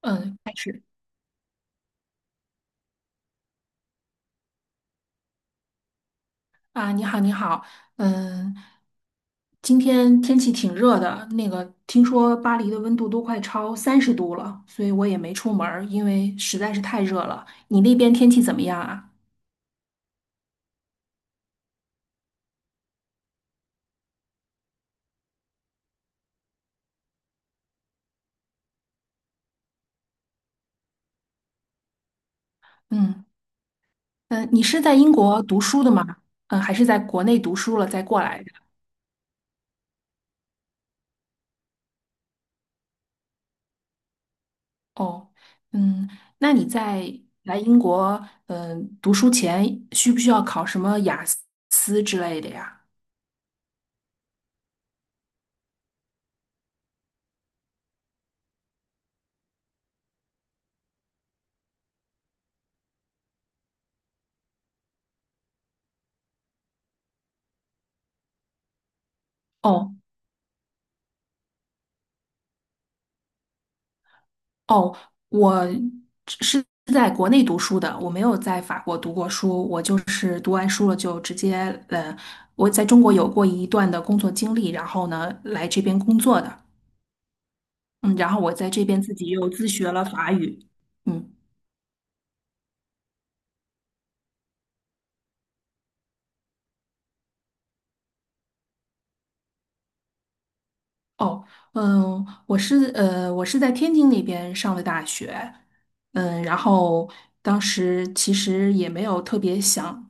嗯，开始。啊，你好，你好。嗯，今天天气挺热的，那个听说巴黎的温度都快超30度了，所以我也没出门儿，因为实在是太热了。你那边天气怎么样啊？嗯嗯，你是在英国读书的吗？嗯，还是在国内读书了再过来的？哦，嗯，那你在来英国读书前需不需要考什么雅思之类的呀？哦。哦，我是在国内读书的，我没有在法国读过书，我就是读完书了就直接，呃，我在中国有过一段的工作经历，然后呢，来这边工作的。嗯，然后我在这边自己又自学了法语。嗯。哦，嗯，我是在天津那边上的大学，嗯，然后当时其实也没有特别想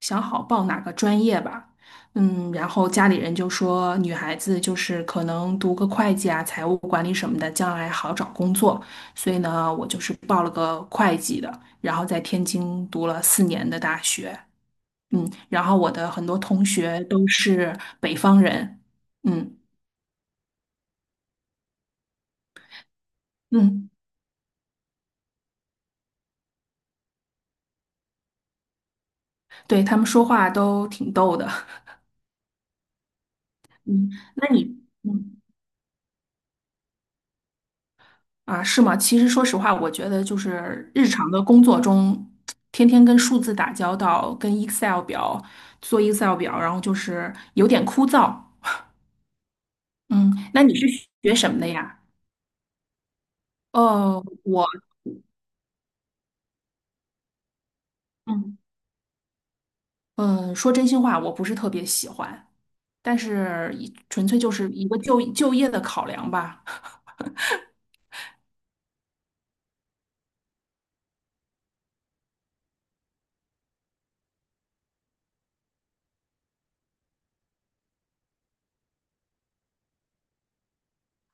想好报哪个专业吧，嗯，然后家里人就说女孩子就是可能读个会计啊、财务管理什么的，将来好找工作，所以呢，我就是报了个会计的，然后在天津读了四年的大学，嗯，然后我的很多同学都是北方人，嗯嗯。对，他们说话都挺逗的。嗯 那你，嗯啊，是吗？其实说实话，我觉得就是日常的工作中，天天跟数字打交道，跟 Excel 表做 Excel 表，然后就是有点枯燥。嗯，那你是学什么的呀？呃，我，嗯嗯，说真心话，我不是特别喜欢，但是纯粹就是一个就业的考量吧。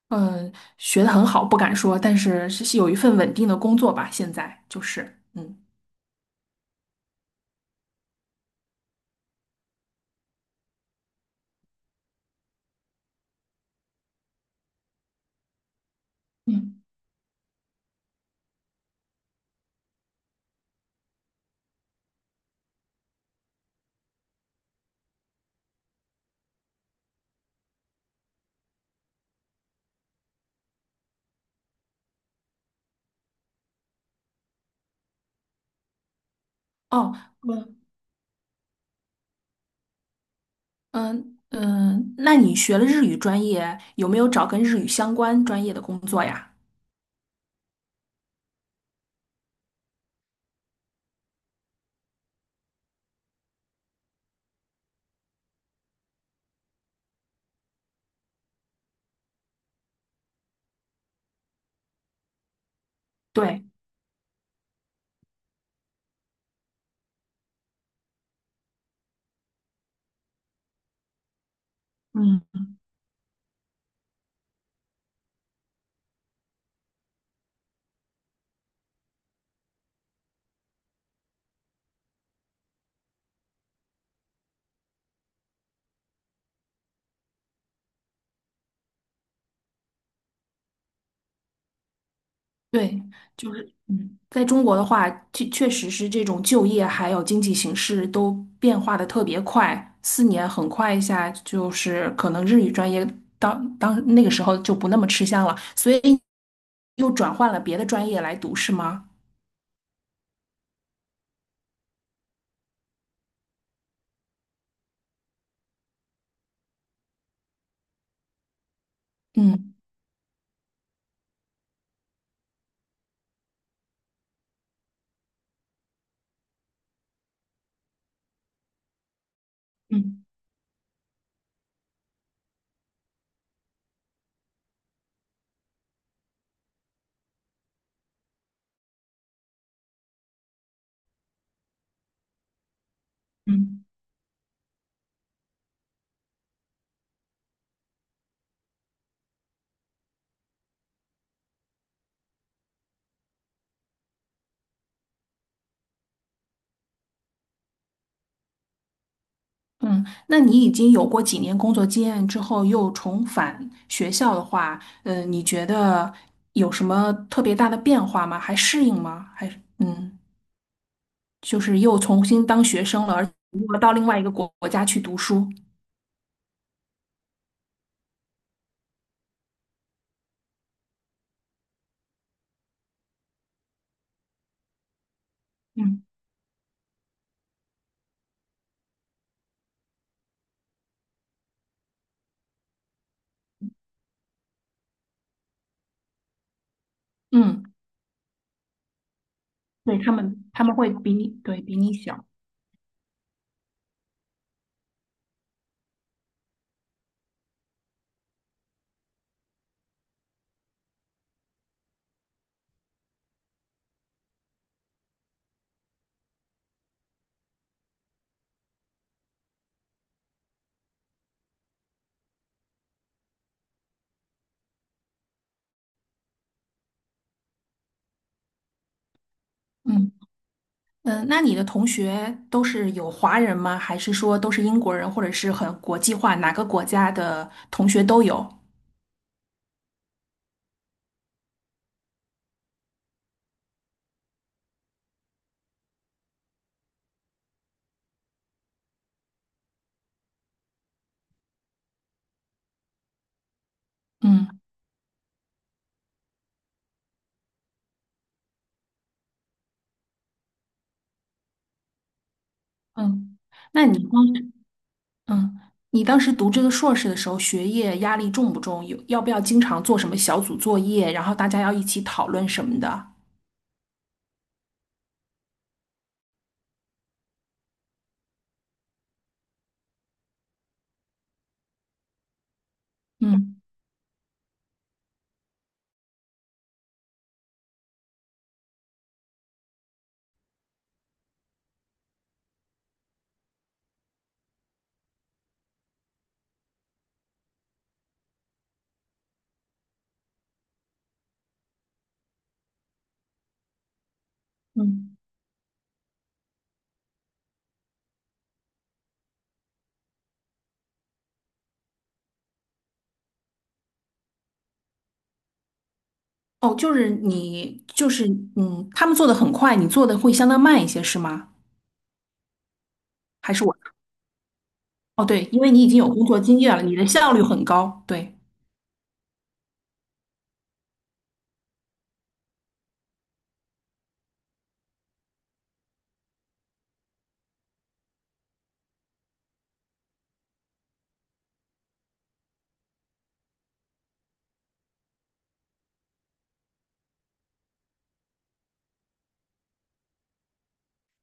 嗯，学的很好，不敢说，但是有一份稳定的工作吧，现在就是，嗯。嗯，哦，我嗯嗯，那你学了日语专业，有没有找跟日语相关专业的工作呀？对，嗯，对，就是嗯，在中国的话，确确实是这种就业还有经济形势都变化的特别快，四年很快一下，就是可能日语专业当那个时候就不那么吃香了，所以又转换了别的专业来读，是吗？嗯嗯嗯。嗯，那你已经有过几年工作经验之后，又重返学校的话，嗯，你觉得有什么特别大的变化吗？还适应吗？还是嗯，就是又重新当学生了，而且又到另外一个国家去读书。嗯嗯，对，他们会对比你小。嗯嗯，那你的同学都是有华人吗？还是说都是英国人，或者是很国际化，哪个国家的同学都有？嗯嗯。那你光嗯，你当时读这个硕士的时候，学业压力重不重？有，要不要经常做什么小组作业，然后大家要一起讨论什么的？嗯嗯，哦，就是你，就是嗯，他们做的很快，你做的会相当慢一些，是吗？还是我？哦，对，因为你已经有工作经验了，你的效率很高。对，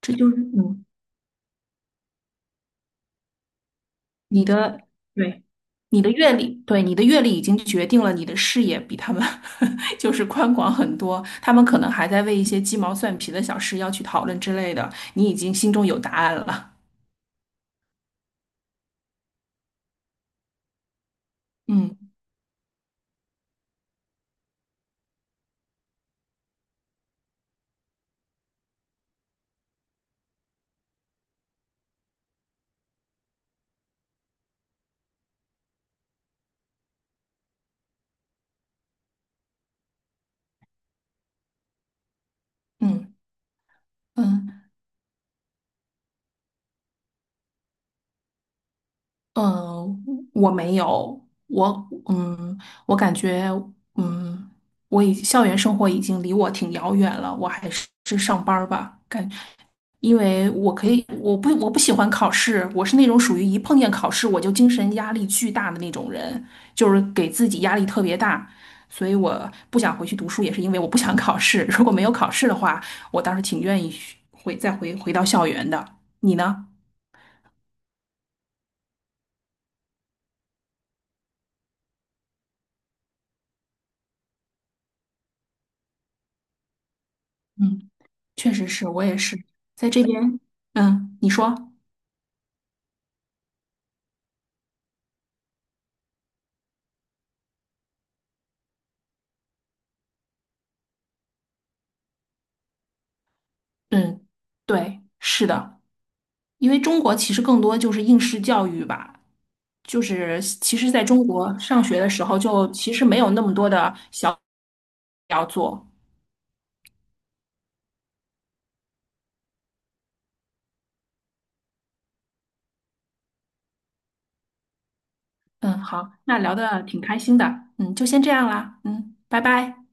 这就是。你的对，你的阅历，对，你的阅历已经决定了你的视野比他们 就是宽广很多。他们可能还在为一些鸡毛蒜皮的小事要去讨论之类的，你已经心中有答案了。嗯嗯嗯，嗯，我没有，我感觉嗯，校园生活已经离我挺遥远了，我还是上班儿吧，感，因为我可以，我不喜欢考试，我是那种属于一碰见考试我就精神压力巨大的那种人，就是给自己压力特别大，所以我不想回去读书，也是因为我不想考试。如果没有考试的话，我倒是挺愿意去再回到校园的。你呢？嗯。确实是我也是在这边，嗯，你说，嗯，对，是的，因为中国其实更多就是应试教育吧，就是其实在中国上学的时候就其实没有那么多的小要做，嗯，好，那聊的挺开心的，嗯，就先这样啦，嗯，拜拜。